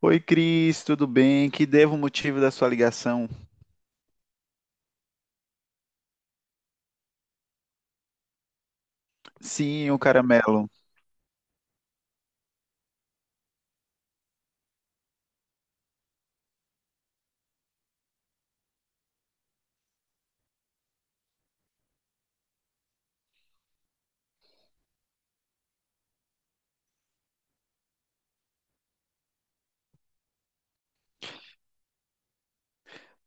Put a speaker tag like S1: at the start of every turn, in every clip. S1: Oi, Cris, tudo bem? Que devo o motivo da sua ligação? Sim, o caramelo.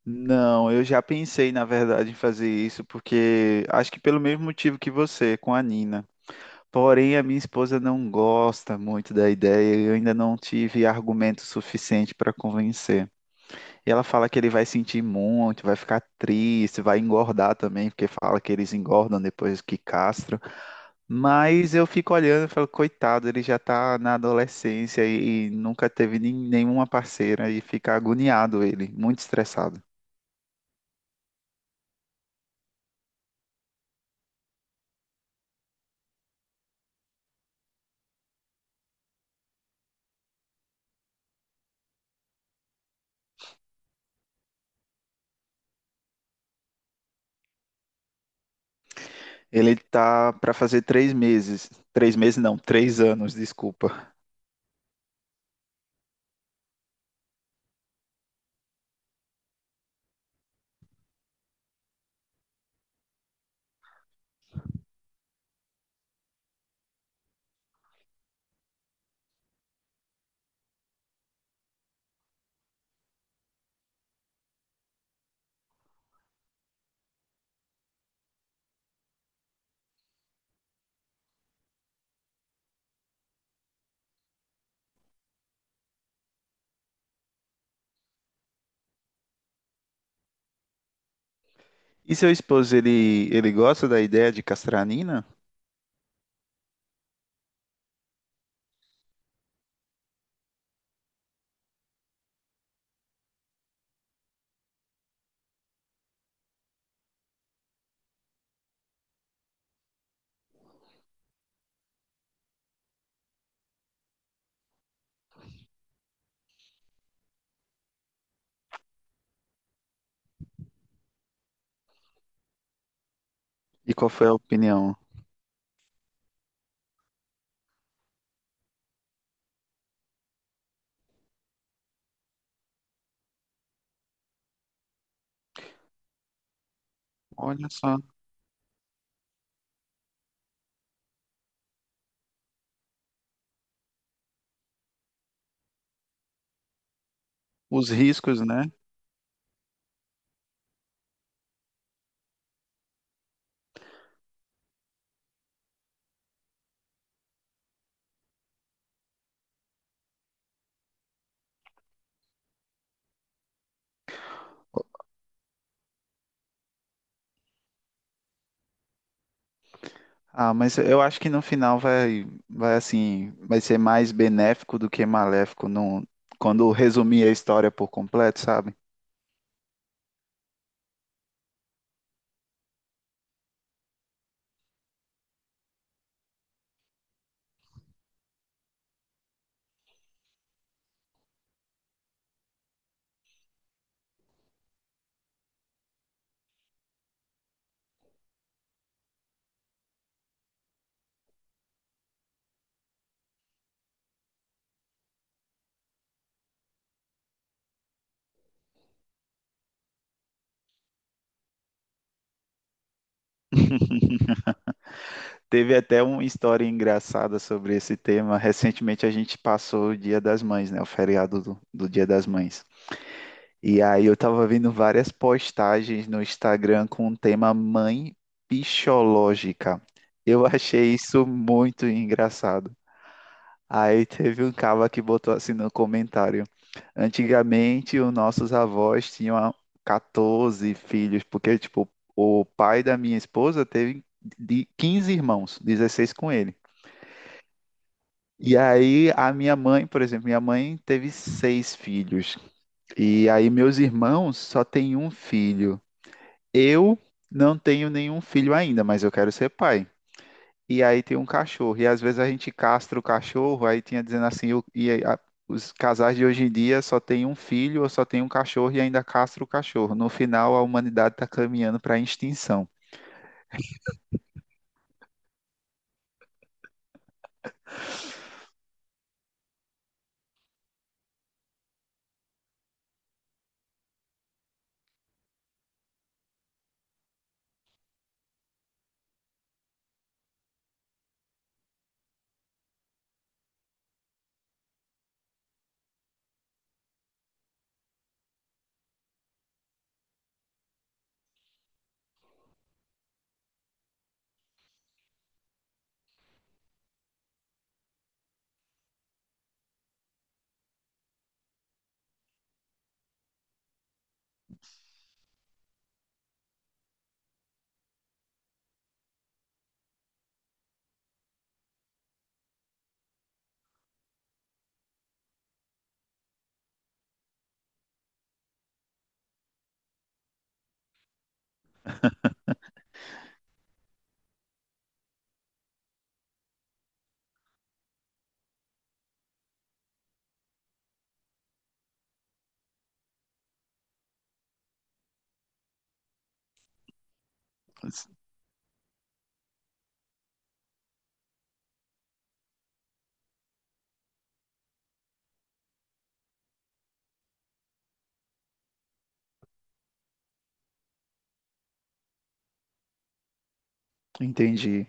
S1: Não, eu já pensei, na verdade, em fazer isso, porque acho que pelo mesmo motivo que você, com a Nina. Porém, a minha esposa não gosta muito da ideia e eu ainda não tive argumento suficiente para convencer. E ela fala que ele vai sentir muito, vai ficar triste, vai engordar também, porque fala que eles engordam depois que castram. Mas eu fico olhando e falo, coitado, ele já tá na adolescência e nunca teve nenhuma parceira e fica agoniado ele, muito estressado. Ele tá para fazer três meses não, três anos, desculpa. E seu esposo, ele gosta da ideia de castranina? E qual foi a opinião? Olha só, os riscos, né? Ah, mas eu acho que no final vai assim, vai ser mais benéfico do que maléfico, não, quando resumir a história por completo, sabe? Teve até uma história engraçada sobre esse tema. Recentemente a gente passou o Dia das Mães, né? O feriado do Dia das Mães. E aí eu tava vendo várias postagens no Instagram com o tema mãe pichológica. Eu achei isso muito engraçado. Aí teve um cara que botou assim no comentário. Antigamente, os nossos avós tinham 14 filhos, porque, tipo, o pai da minha esposa teve de 15 irmãos, 16 com ele. E aí, a minha mãe, por exemplo, minha mãe teve seis filhos. E aí, meus irmãos só têm um filho. Eu não tenho nenhum filho ainda, mas eu quero ser pai. E aí, tem um cachorro. E às vezes a gente castra o cachorro, aí tinha dizendo assim: os casais de hoje em dia só tem um filho ou só tem um cachorro e ainda castra o cachorro. No final, a humanidade está caminhando para a extinção. Entendi.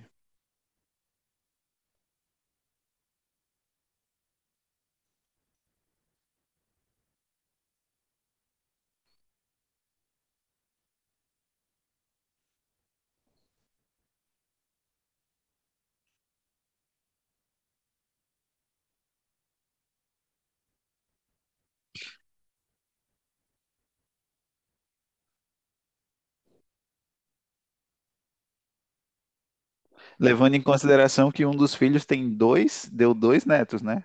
S1: Levando em consideração que um dos filhos tem dois, deu dois netos, né?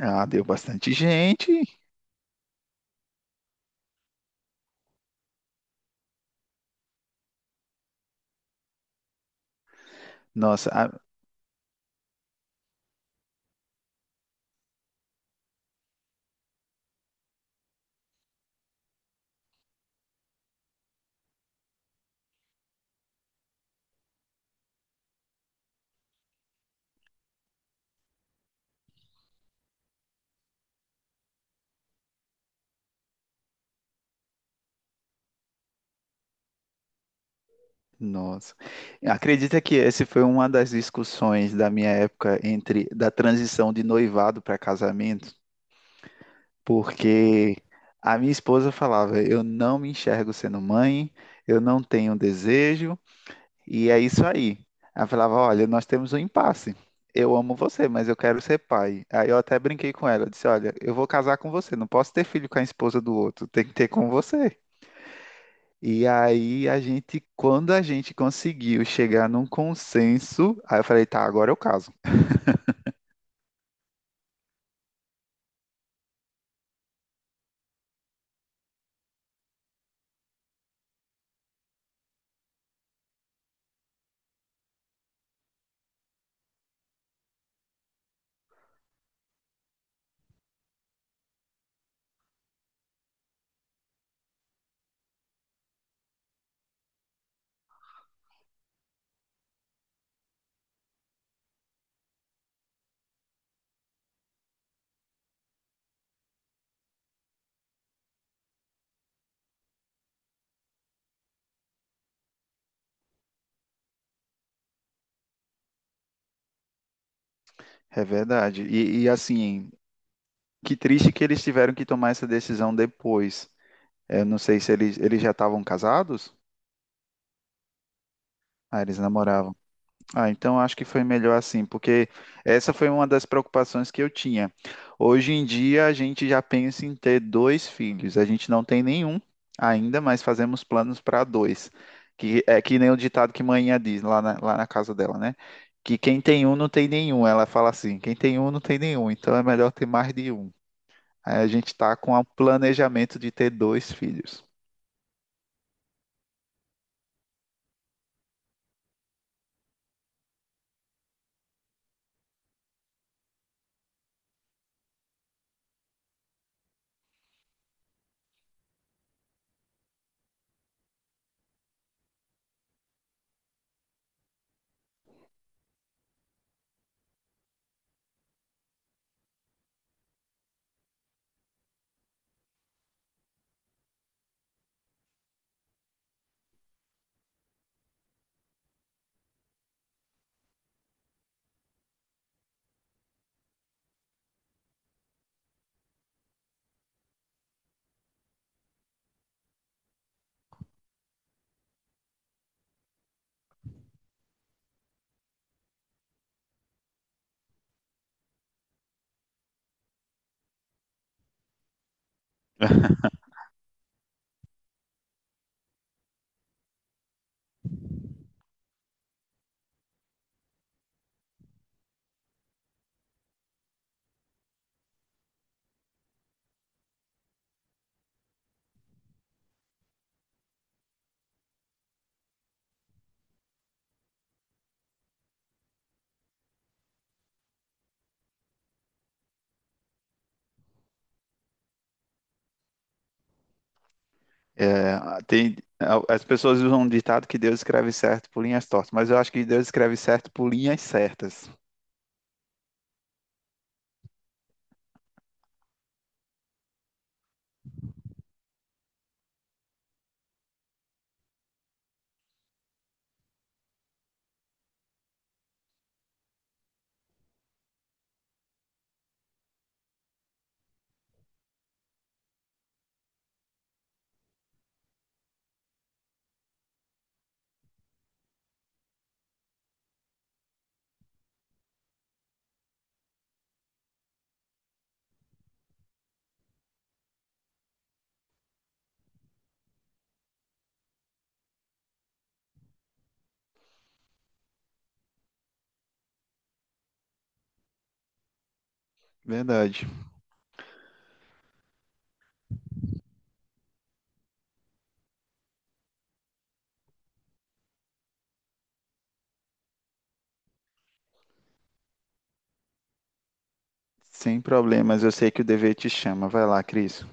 S1: Ah, deu bastante gente. Nossa, a- Nossa. Acredita que essa foi uma das discussões da minha época entre da transição de noivado para casamento, porque a minha esposa falava: "Eu não me enxergo sendo mãe, eu não tenho desejo", e é isso aí. Ela falava: "Olha, nós temos um impasse. Eu amo você, mas eu quero ser pai". Aí eu até brinquei com ela, eu disse: "Olha, eu vou casar com você, não posso ter filho com a esposa do outro, tem que ter com você". E aí quando a gente conseguiu chegar num consenso, aí eu falei, tá, agora eu caso. É verdade. Assim, que triste que eles tiveram que tomar essa decisão depois. Eu não sei se eles, eles já estavam casados? Ah, eles namoravam. Ah, então acho que foi melhor assim, porque essa foi uma das preocupações que eu tinha. Hoje em dia a gente já pensa em ter dois filhos. A gente não tem nenhum ainda, mas fazemos planos para dois. Que é que nem o ditado que manhã diz lá na casa dela, né? Que quem tem um não tem nenhum. Ela fala assim: quem tem um não tem nenhum, então é melhor ter mais de um. Aí a gente está com o planejamento de ter dois filhos. É, tem, as pessoas usam um ditado que Deus escreve certo por linhas tortas, mas eu acho que Deus escreve certo por linhas certas. Verdade. Sem problemas, eu sei que o dever te chama. Vai lá, Cris.